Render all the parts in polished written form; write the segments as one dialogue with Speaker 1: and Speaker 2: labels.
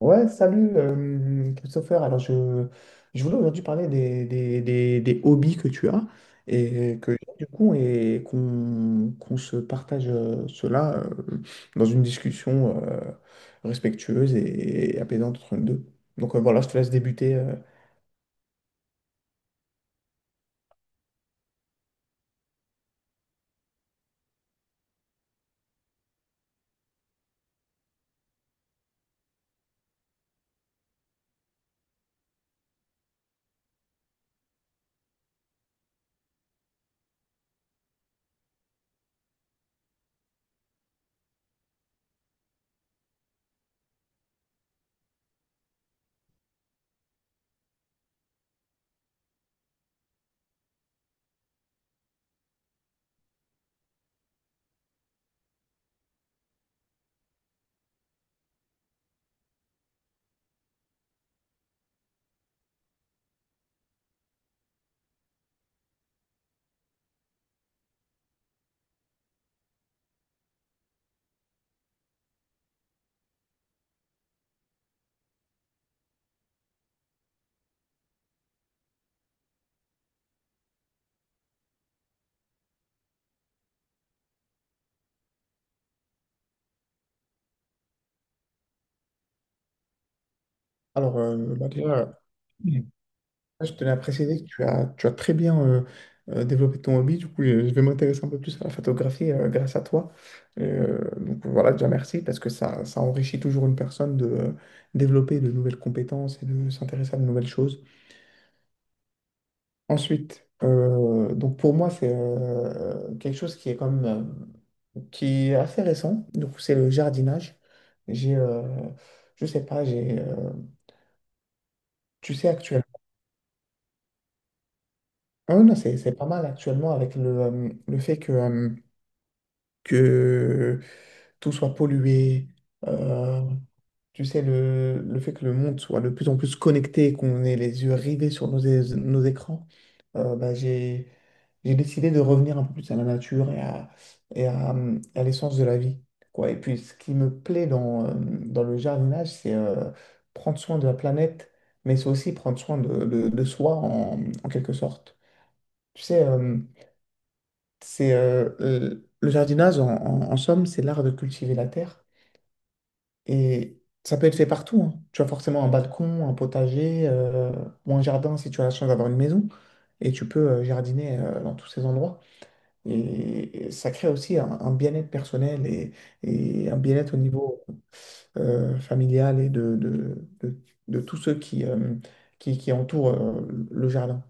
Speaker 1: Ouais, salut Christopher. Alors, je voulais aujourd'hui parler des hobbies que tu as et que j'ai, du coup, et qu'on se partage cela dans une discussion respectueuse et apaisante entre nous deux. Donc, voilà, je te laisse débuter. Alors, bah, déjà, ah, je tenais à préciser que tu as très bien développé ton hobby. Du coup, je vais m'intéresser un peu plus à la photographie grâce à toi. Donc voilà, déjà merci parce que ça enrichit toujours une personne de développer de nouvelles compétences et de s'intéresser à de nouvelles choses. Ensuite, donc pour moi, c'est quelque chose qui est quand même, qui est assez récent. Donc c'est le jardinage. J'ai, euh, je sais pas, tu sais actuellement. Ah non, c'est pas mal actuellement avec le fait que tout soit pollué, euh, tu sais, le fait que le monde soit de plus en plus connecté, qu'on ait les yeux rivés sur nos écrans, bah, j'ai décidé de revenir un peu plus à la nature à l'essence de la vie, quoi. Et puis, ce qui me plaît dans le jardinage, c'est prendre soin de la planète, mais c'est aussi prendre soin de soi en, en quelque sorte. Tu sais, c'est le jardinage, en somme, c'est l'art de cultiver la terre. Et ça peut être fait partout, hein. Tu as forcément un balcon, un potager ou un jardin si tu as la chance d'avoir une maison. Et tu peux jardiner dans tous ces endroits. Et ça crée aussi un bien-être personnel et un bien-être au niveau familial et de tous ceux qui entourent le jardin.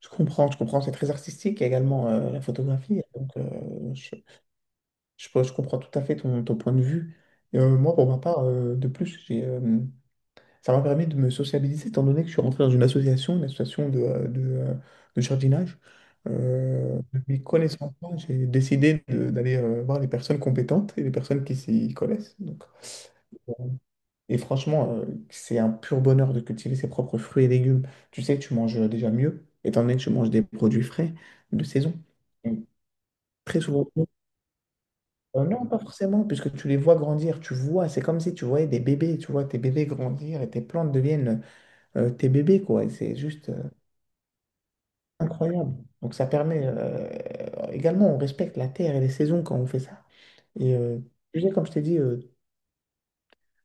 Speaker 1: Je comprends, c'est très artistique, il y a également la photographie, donc je comprends tout à fait ton, ton point de vue. Et, moi, pour ma part, de plus, ça m'a permis de me sociabiliser, étant donné que je suis rentré dans une association de jardinage. De mes connaissances, j'ai décidé d'aller voir les personnes compétentes et les personnes qui s'y connaissent. Donc, et franchement, c'est un pur bonheur de cultiver ses propres fruits et légumes. Tu sais, tu manges déjà mieux, étant donné que tu manges des produits frais de saison. Donc, très souvent, non, pas forcément, puisque tu les vois grandir, tu vois, c'est comme si tu voyais des bébés, tu vois tes bébés grandir et tes plantes deviennent tes bébés, quoi, et c'est juste incroyable. Donc ça permet également, on respecte la terre et les saisons quand on fait ça. Et tu sais, comme je t'ai dit,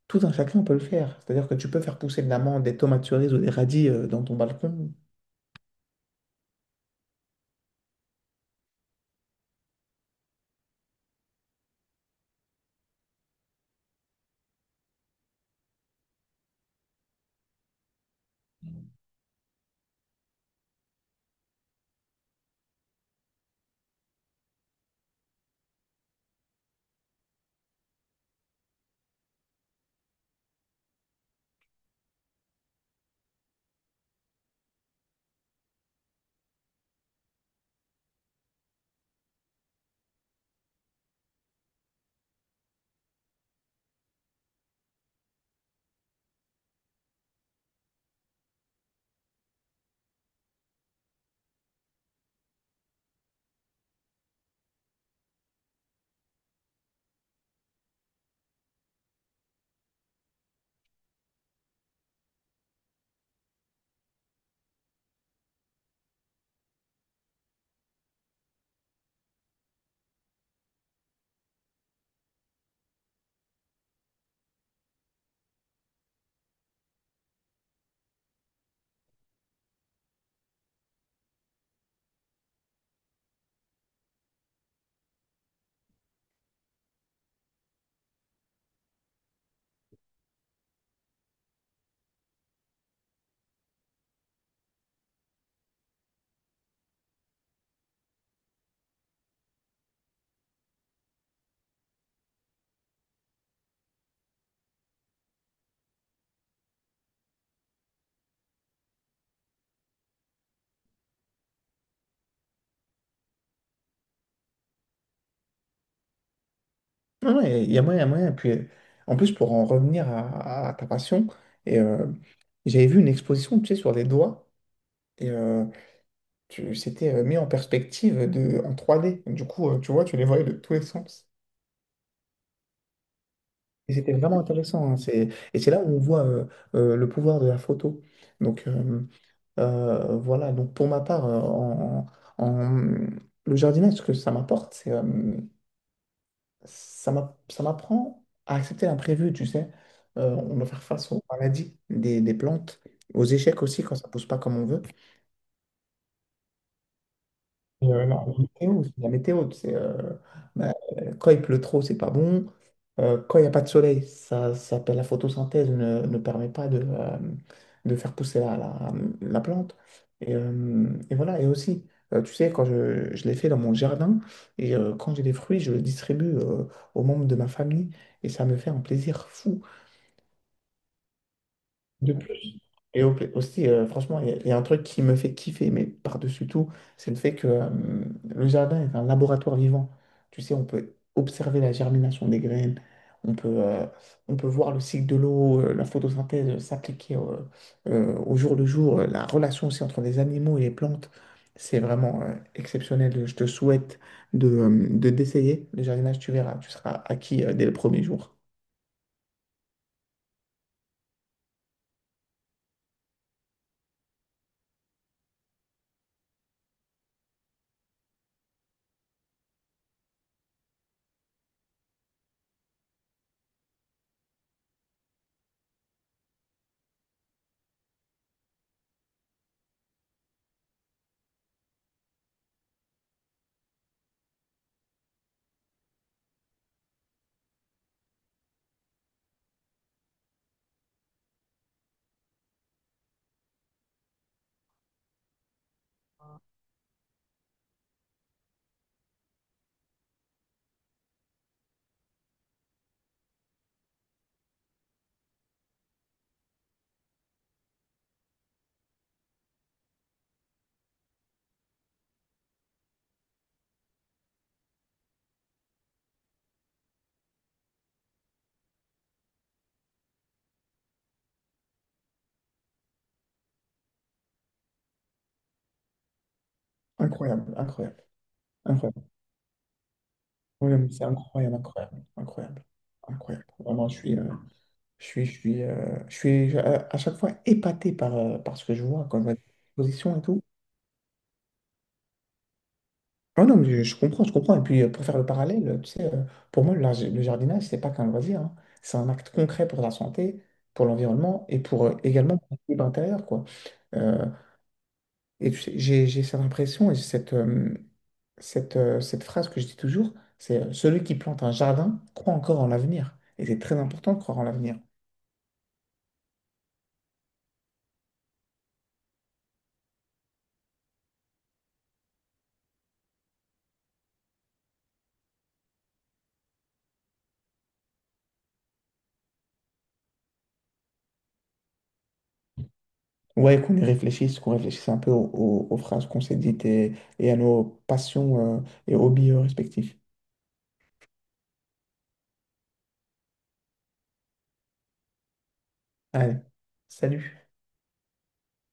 Speaker 1: tout un chacun peut le faire. C'est-à-dire que tu peux faire pousser de l'amande, des tomates cerises ou des radis dans ton balcon. Non, non, il y a moyen, il y a moyen. Puis, en plus, pour en revenir à ta passion, et, j'avais vu une exposition, tu sais, sur les doigts. Et, tu, c'était mis en perspective de, en 3D. Du coup, tu vois, tu les voyais de tous les sens. Et c'était vraiment intéressant, hein. C'est, et c'est là où on voit le pouvoir de la photo. Donc, voilà. Donc, pour ma part, en- le jardinage, ce que ça m'apporte, c'est, ça m'apprend à accepter l'imprévu, tu sais. On doit faire face aux maladies des plantes, aux échecs aussi quand ça pousse pas comme on veut. Et, non, la météo, c'est la météo, bah, quand il pleut trop, c'est pas bon. Quand il n'y a pas de soleil, ça s'appelle la photosynthèse, ne permet pas de, de faire pousser la plante. Et voilà, et aussi, tu sais, quand je l'ai fait dans mon jardin, et quand j'ai des fruits, je le distribue aux membres de ma famille, et ça me fait un plaisir fou. De plus. Aussi, franchement, il y a un truc qui me fait kiffer, mais par-dessus tout, c'est le fait que le jardin est un laboratoire vivant. Tu sais, on peut observer la germination des graines, on peut, euh, on peut voir le cycle de l'eau, la photosynthèse s'appliquer au jour le jour, la relation aussi entre les animaux et les plantes. C'est vraiment exceptionnel. Je te souhaite de d'essayer le jardinage, tu verras, tu seras acquis dès le premier jour. Incroyable, incroyable, incroyable. Oui, mais c'est incroyable, incroyable, incroyable, incroyable. Vraiment, je suis, à chaque fois épaté par, par ce que je vois quand je vois des expositions et tout. Ah non, mais je comprends, je comprends. Et puis, pour faire le parallèle, tu sais, pour moi, le jardinage, c'est pas qu'un loisir, hein. C'est un acte concret pour la santé, pour l'environnement et pour également pour l'équilibre intérieur, quoi. Euh, Et tu sais, j'ai cette impression et cette phrase que je dis toujours, c'est celui qui plante un jardin croit encore en l'avenir. Et c'est très important de croire en l'avenir. Ouais, qu'on y réfléchisse, qu'on réfléchisse un peu aux phrases qu'on s'est dites et à nos passions, et hobbies respectifs. Allez, salut.